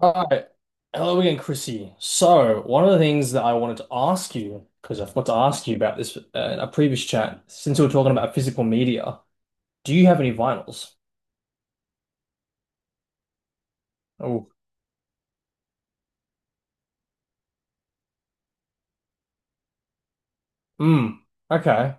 All right. Hello again, Chrissy. So, one of the things that I wanted to ask you, because I forgot to ask you about this in a previous chat, since we were talking about physical media, do you have any vinyls? Oh, mm, okay.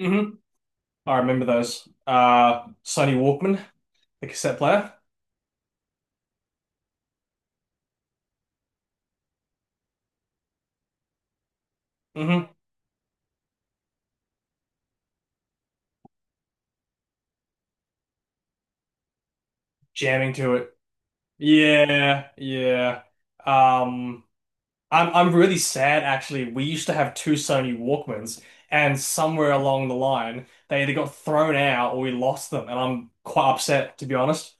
Hmm. I remember those. Sony Walkman, the cassette player. Hmm. Jamming to it. Yeah, yeah. Um, I'm really sad actually. We used to have two Sony Walkmans, and somewhere along the line, they either got thrown out or we lost them, and I'm quite upset to be honest.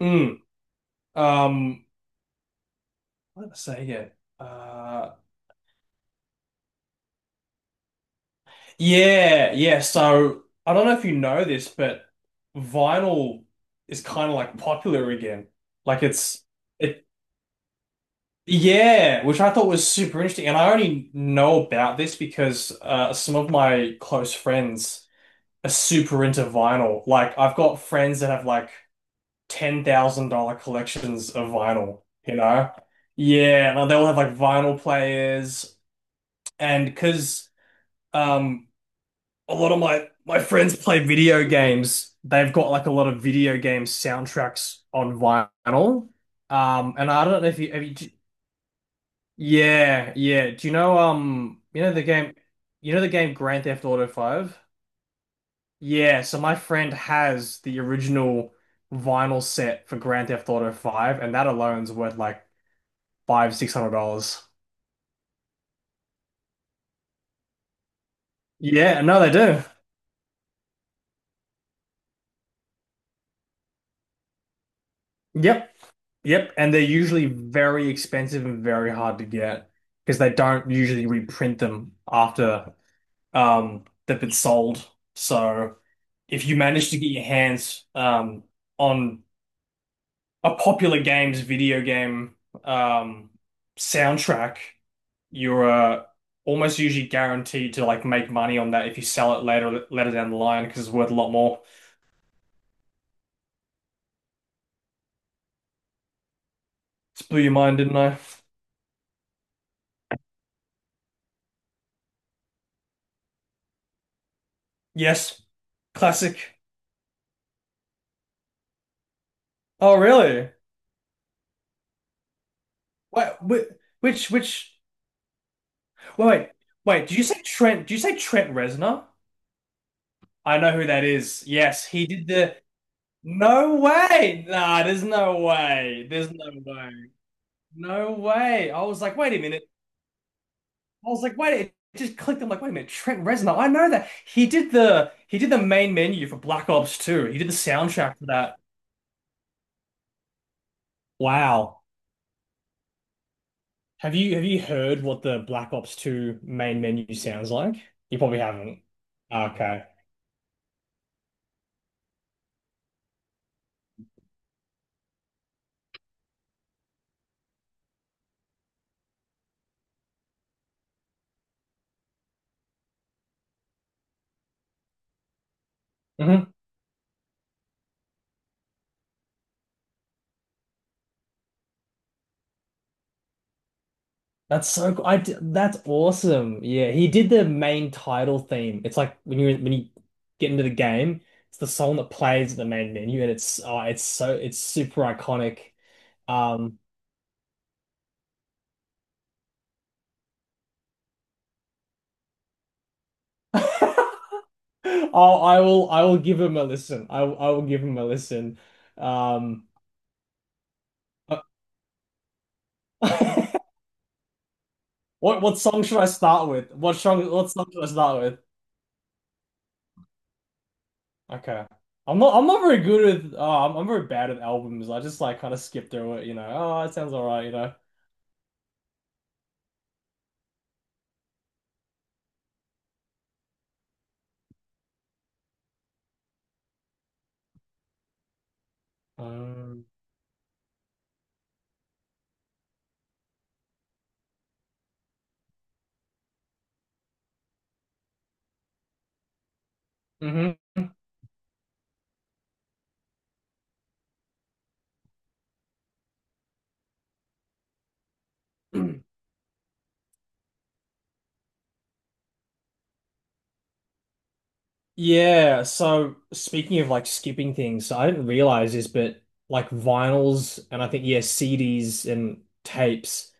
Mm. Um, what did I say here? Uh, yeah, yeah. So I don't know if you know this, but vinyl is kind of like popular again. Like it, yeah, which I thought was super interesting, and I only know about this because some of my close friends. Are super into vinyl. Like I've got friends that have like $10,000 collections of vinyl, you know? Yeah, and they'll have like vinyl players and because um a lot of my friends play video games, they've got like a lot of video game soundtracks on vinyl. And I don't know if you have yeah, yeah. Do you know you know the game Grand Theft Auto 5? Yeah, so my friend has the original vinyl set for Grand Theft Auto 5, and that alone's worth like five, $600. Yeah, no, they do. Yep, yep. And they're usually very expensive and very hard to get because they don't usually reprint them after they've been sold. So if you manage to get your hands on a popular game's video game um soundtrack, you're almost usually guaranteed to like make money on that if you sell it later later down the line because it's worth a lot more. Just blew your mind, didn't I? Yes, classic. Oh, really? Wait, whi- which which? Wait, wait, wait. Did you say Trent? Did you say Trent Reznor? I know who that is. Yes, he did the. No way! Nah, there's no way. There's no way. No way. I was like, wait a minute. I was like, wait, it just clicked. I'm like, wait a minute, Trent Reznor. I know that he did the main menu for Black Ops 2. He did the soundtrack for that. Wow. Have you heard what the Black Ops 2 main menu sounds like? You probably haven't. Okay. Hmm. That's so cool. I d that's awesome. Yeah, he did the main title theme. It's like when you get into the game, it's the song that plays at the main menu and it's oh, it's super iconic. Um I will give him a listen. I will give him a listen. Um, what song should I start with? What song should I start with? Okay. I'm not very good with I'm very bad at albums. I just like kind of skip through it, you know. Oh, it sounds all right, you know. Um, mhm. Yeah, so speaking of like skipping things, so I didn't realize this, but like vinyls and I think yeah, CDs and tapes.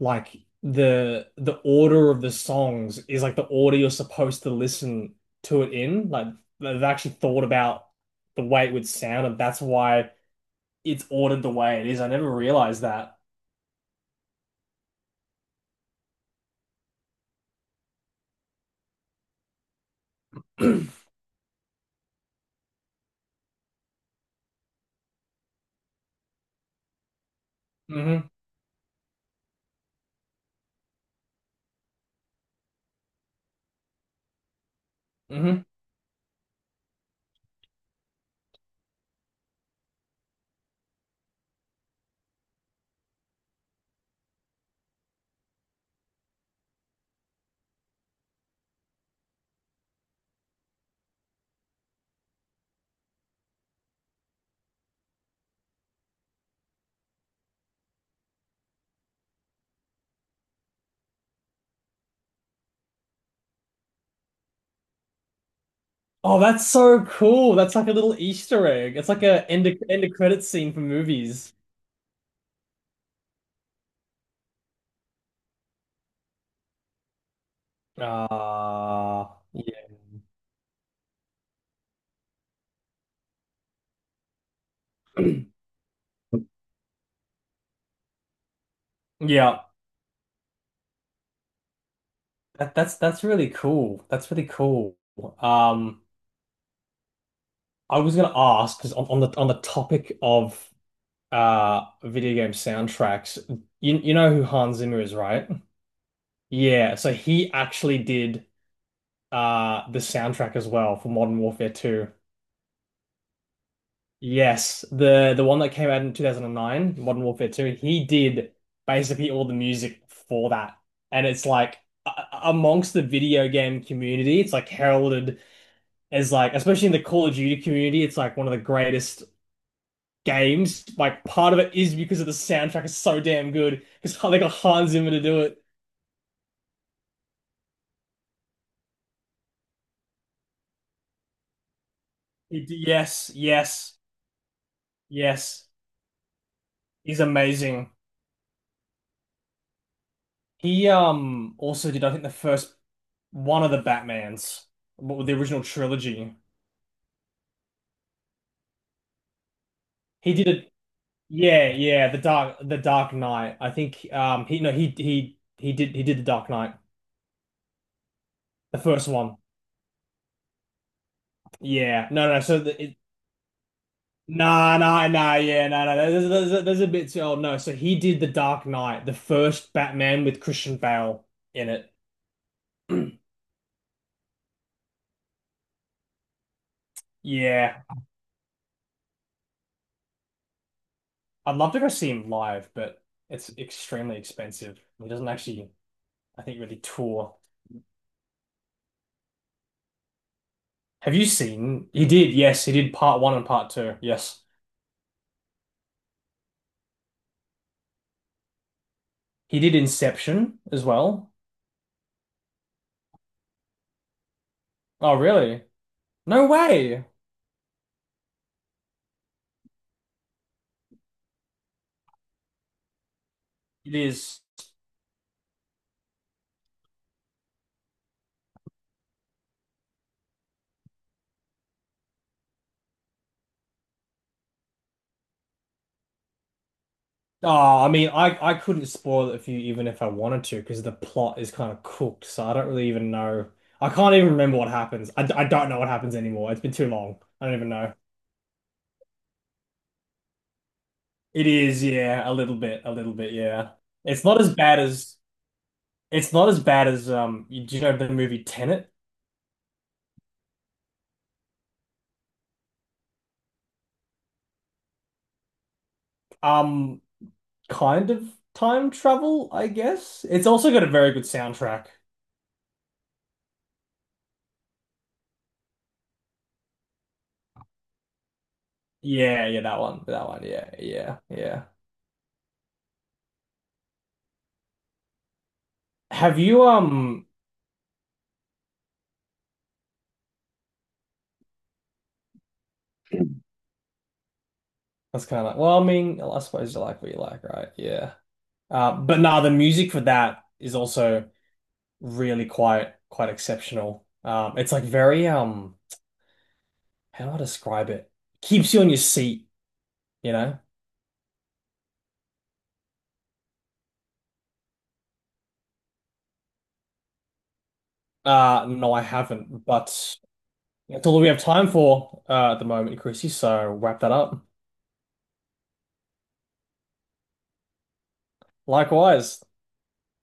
Like the order of the songs is like the order you're supposed to listen to it in. Like they've actually thought about the way it would sound, and that's why it's ordered the way it is. I never realized that. Hmm. Hmm. Oh, that's so cool. That's like a little Easter egg. It's like a end of credit scene for movies. Ah, yeah. Yeah. That's really cool. That's really cool. Um, I was gonna ask because on the topic of video game soundtracks. You know who Hans Zimmer is, right? Yeah, so he actually did the soundtrack as well for Modern Warfare 2. Yes, the one that came out in 2009, Modern Warfare 2, he did basically all the music for that. And it's like amongst the video game community, it's like heralded as like especially in the Call of Duty community, it's like one of the greatest games, like part of it is because of the soundtrack is so damn good because they got Hans Zimmer to do it. He yes, yes, yes. He's amazing. He also did I think the first one of the Batmans, what with the original trilogy. He did it. Yeah, yeah. The Dark Knight. I think he no he he did the Dark Knight, the first one. Yeah, no, no. So the, nah, nah, nah, yeah, no, no, there's a bit too old. No, so he did The Dark Knight, the first Batman with Christian Bale in it. Yeah, I'd love to go see him live, but it's extremely expensive. He doesn't actually, I think, really tour. Have you seen? He did, yes, he did part one and part two. Yes, he did Inception as well. Oh, really? No way. It is. Oh, I mean, I couldn't spoil it for you even if I wanted to because the plot is kind of cooked. So I don't really even know. I can't even remember what happens. I don't know what happens anymore. It's been too long. I don't even know. It is, yeah, a little bit, yeah. It's not as bad as it's not as bad as you- Do you know the movie Tenet? Um, kind of time travel, I guess. It's also got a very good soundtrack. Yeah, yeah, that one, yeah, yeah, yeah. Have you um? That's kind of like, well, I mean, I suppose you like what you like, right? Yeah. But nah, the music for that is also really quite exceptional. It's like very how do I describe it? Keeps you on your seat, you know? No, I haven't, but that's all we have time for at the moment, Chrissy. So wrap that up. Likewise.